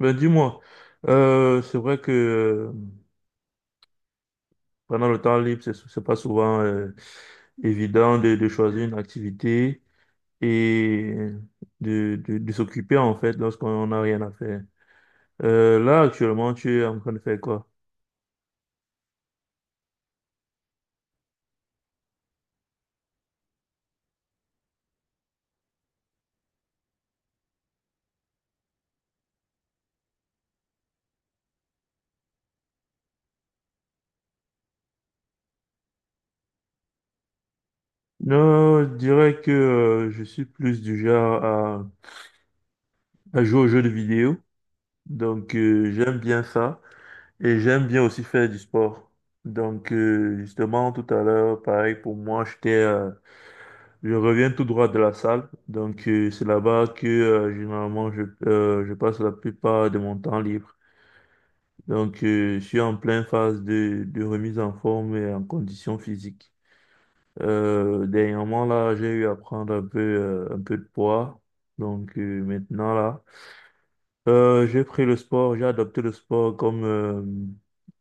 Ben dis-moi, c'est vrai que pendant le temps libre, c'est pas souvent évident de choisir une activité et de s'occuper en fait lorsqu'on n'a rien à faire. Là, actuellement, tu es en train de faire quoi? Non, je dirais que je suis plus du genre à jouer aux jeux de vidéo. Donc, j'aime bien ça. Et j'aime bien aussi faire du sport. Donc, justement, tout à l'heure, pareil, pour moi, j'étais je reviens tout droit de la salle, donc c'est là-bas que généralement je passe la plupart de mon temps libre. Donc je suis en pleine phase de remise en forme et en condition physique. Dernièrement là, j'ai eu à prendre un peu de poids. Donc maintenant là, j'ai pris le sport, j'ai adopté le sport comme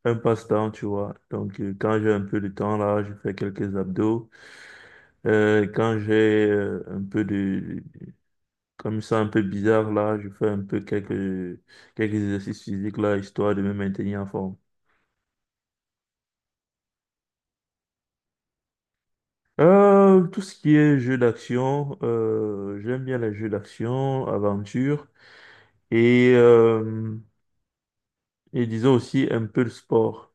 un passe-temps, tu vois. Donc quand j'ai un peu de temps là, je fais quelques abdos. Quand j'ai un peu de, Comme ça, un peu bizarre, là, je fais un peu quelques exercices physiques, là, histoire de me maintenir en forme. Tout ce qui est jeux d'action, j'aime bien les jeux d'action, aventure, et, euh, et disons aussi un peu le sport.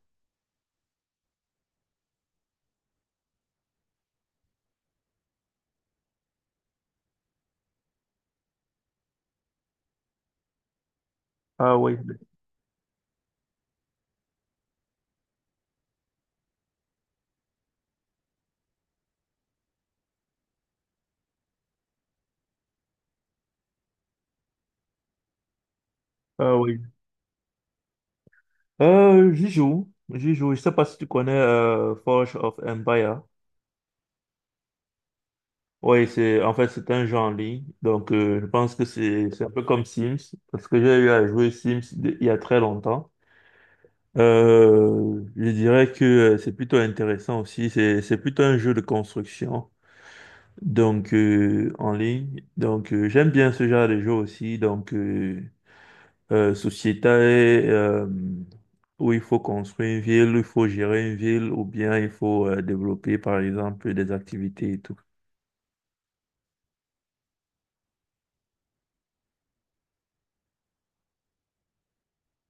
Ah oui, ah oui. J'y joue, j'y joue. Je sais pas si tu connais Forge of Empire. Oui, c'est en fait c'est un jeu en ligne, donc je pense que c'est un peu comme Sims parce que j'ai eu à jouer Sims il y a très longtemps. Je dirais que c'est plutôt intéressant aussi. C'est plutôt un jeu de construction, donc en ligne. Donc j'aime bien ce genre de jeu aussi. Donc Société, où il faut construire une ville, il faut gérer une ville, ou bien il faut développer par exemple des activités et tout.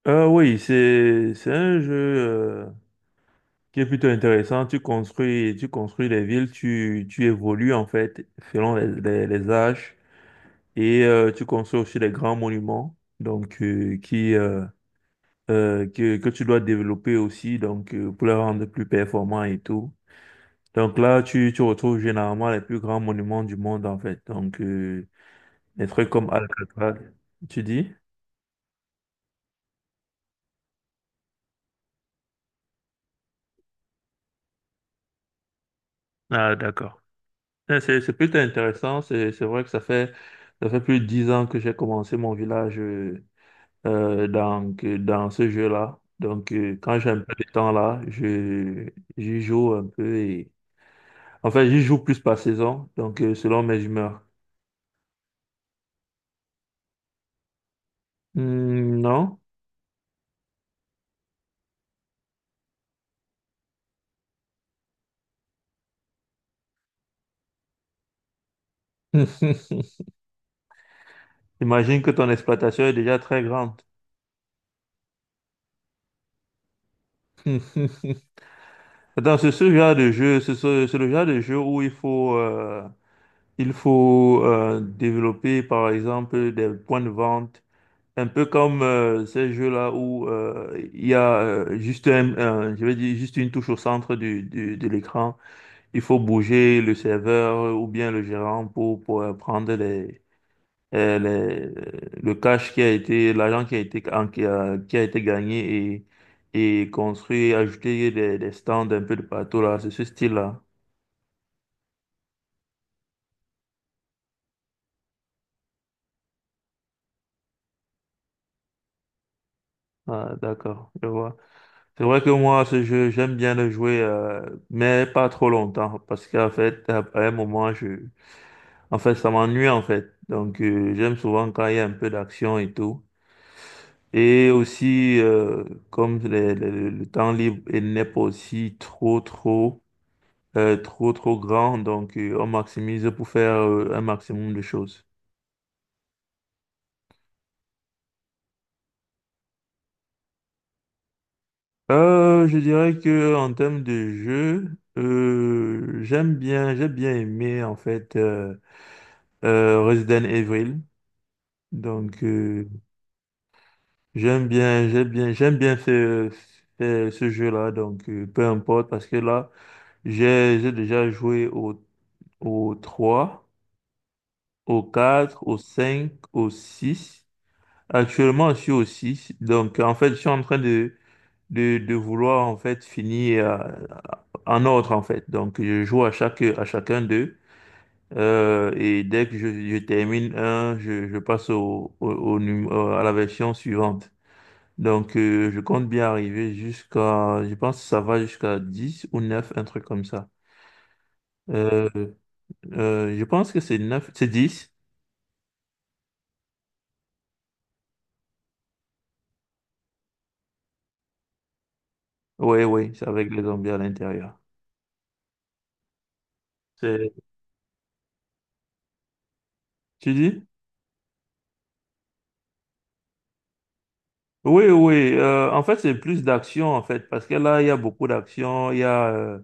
Oui, c'est un jeu qui est plutôt intéressant. Tu construis les villes, tu évolues en fait selon les âges. Et tu construis aussi des grands monuments, donc, que tu dois développer aussi, donc pour les rendre plus performants et tout. Donc là, tu retrouves généralement les plus grands monuments du monde en fait. Donc, des trucs comme Alcatraz. Tu dis? Ah, d'accord. C'est plutôt intéressant. C'est vrai que ça fait plus de 10 ans que j'ai commencé mon village dans ce jeu-là. Donc, quand j'ai un peu de temps là, j'y joue un peu. En fait, j'y joue plus par saison, donc selon mes humeurs. Hmm, non? Imagine que ton exploitation est déjà très grande. Attends, c'est ce genre de jeu, c'est le genre de jeu où il faut développer, par exemple, des points de vente, un peu comme ces jeux-là où il y a juste je vais dire, juste une touche au centre de l'écran. Il faut bouger le serveur ou bien le gérant pour prendre le cash qui a été, l'argent qui a été, qui a été gagné et ajouter des stands un peu de partout là, c'est ce style-là. Ah, d'accord, je vois. C'est vrai que moi, ce jeu, j'aime bien le jouer, mais pas trop longtemps, parce qu'en fait, à un moment, en fait, ça m'ennuie en fait. Donc, j'aime souvent quand il y a un peu d'action et tout. Et aussi, comme le temps libre il n'est pas aussi trop grand, donc on maximise pour faire un maximum de choses. Je dirais que en termes de jeu, j'ai bien aimé en fait Resident Evil. Donc j'aime bien ce jeu-là. Donc peu importe parce que là, j'ai déjà joué au trois, au quatre, au cinq, au six. Actuellement, je suis au six. Donc, en fait, je suis en train de vouloir en fait finir en ordre en fait. Donc je joue à chacun d'eux. Et dès que je termine un, je passe à la version suivante. Donc je compte bien arriver jusqu'à, je pense que ça va jusqu'à 10 ou neuf, un truc comme ça. Euh, je pense que c'est neuf, c'est 10. Oui, oui, c'est avec les zombies à l'intérieur. C'est- Tu dis? Oui, oui. En fait, c'est plus d'action, en fait, parce que là, il y a beaucoup d'action. Il y a, euh,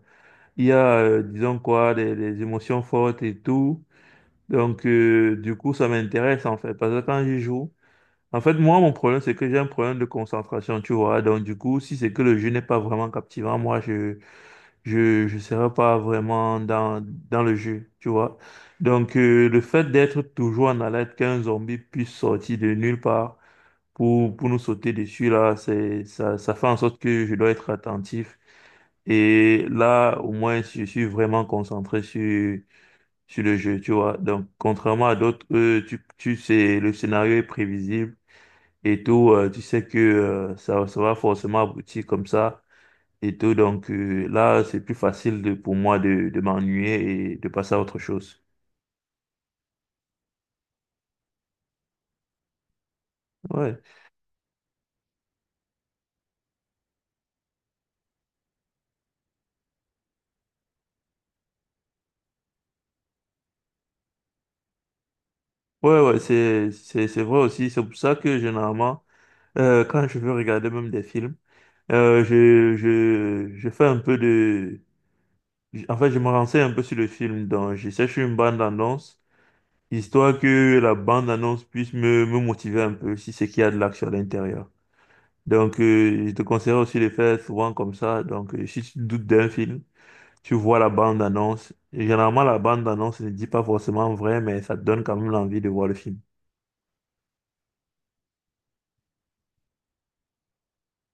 Il y a, euh, Disons quoi, des émotions fortes et tout. Donc, du coup, ça m'intéresse en fait. Parce que quand je joue, en fait, moi, mon problème, c'est que j'ai un problème de concentration, tu vois. Donc, du coup, si c'est que le jeu n'est pas vraiment captivant, moi, je serai pas vraiment dans le jeu, tu vois. Donc, le fait d'être toujours en alerte qu'un zombie puisse sortir de nulle part pour nous sauter dessus, là, ça fait en sorte que je dois être attentif. Et là, au moins, je suis vraiment concentré sur le jeu, tu vois. Donc, contrairement à d'autres, eux, tu sais, le scénario est prévisible et tout. Tu sais que ça va forcément aboutir comme ça et tout. Donc, là, c'est plus facile pour moi de m'ennuyer et de passer à autre chose. Ouais, ouais, ouais, c'est vrai aussi. C'est pour ça que généralement, quand je veux regarder même des films, je fais un peu de... En fait, je me renseigne un peu sur le film, donc je cherche une bande-annonce, histoire que la bande-annonce puisse me motiver un peu si c'est qu'il y a de l'action à l'intérieur. Donc, je te conseille aussi de faire souvent comme ça. Donc, si tu doutes d'un film, tu vois la bande-annonce. Et généralement, la bande-annonce ne dit pas forcément vrai, mais ça te donne quand même l'envie de voir le film.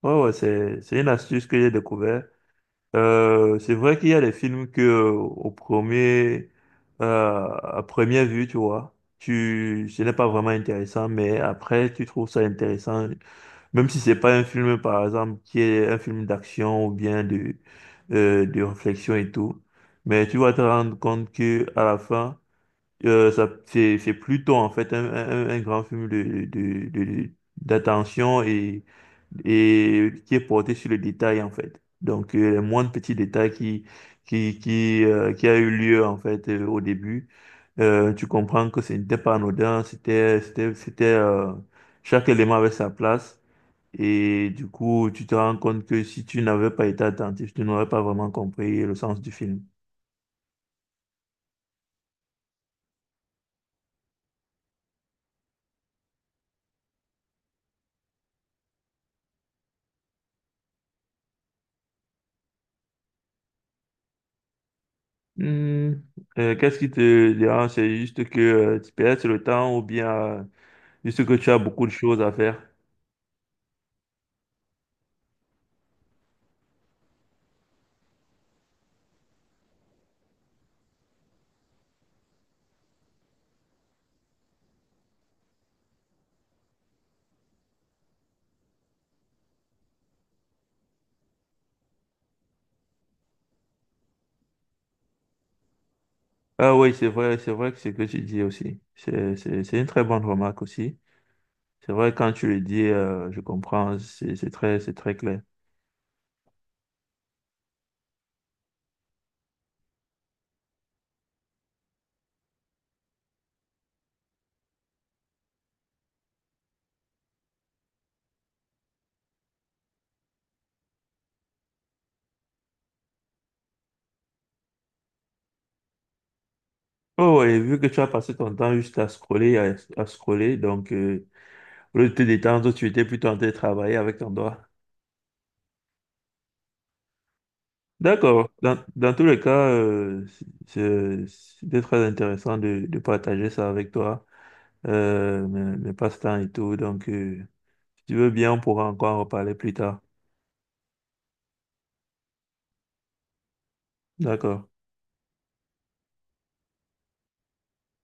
Ouais, ouais, c'est une astuce que j'ai découvert. C'est vrai qu'il y a des films que au premier euh, à première vue, tu vois, tu ce n'est pas vraiment intéressant, mais après tu trouves ça intéressant, même si c'est pas un film par exemple qui est un film d'action ou bien de réflexion et tout, mais tu vas te rendre compte que à la fin c'est plutôt en fait un grand film d'attention et qui est porté sur le détail en fait. Donc les moindres petits détails qui a eu lieu en fait au début, tu comprends que ce n'était pas anodin, chaque élément avait sa place. Et du coup, tu te rends compte que si tu n'avais pas été attentif, tu n'aurais pas vraiment compris le sens du film. Hmm, Qu'est-ce qui te dérange? C'est juste que tu perds le temps ou bien juste que tu as beaucoup de choses à faire. Ah oui, c'est vrai que c'est ce que tu dis aussi. C'est une très bonne remarque aussi. C'est vrai, quand tu le dis, je comprends, c'est très clair. Oh oui, vu que tu as passé ton temps juste à scroller, à scroller, donc au lieu de te détendre, tu étais plutôt en train de travailler avec ton doigt. D'accord. Dans tous les cas, c'était très intéressant de partager ça avec toi. Mes passe-temps et tout. Donc, si tu veux bien, on pourra encore en reparler plus tard. D'accord.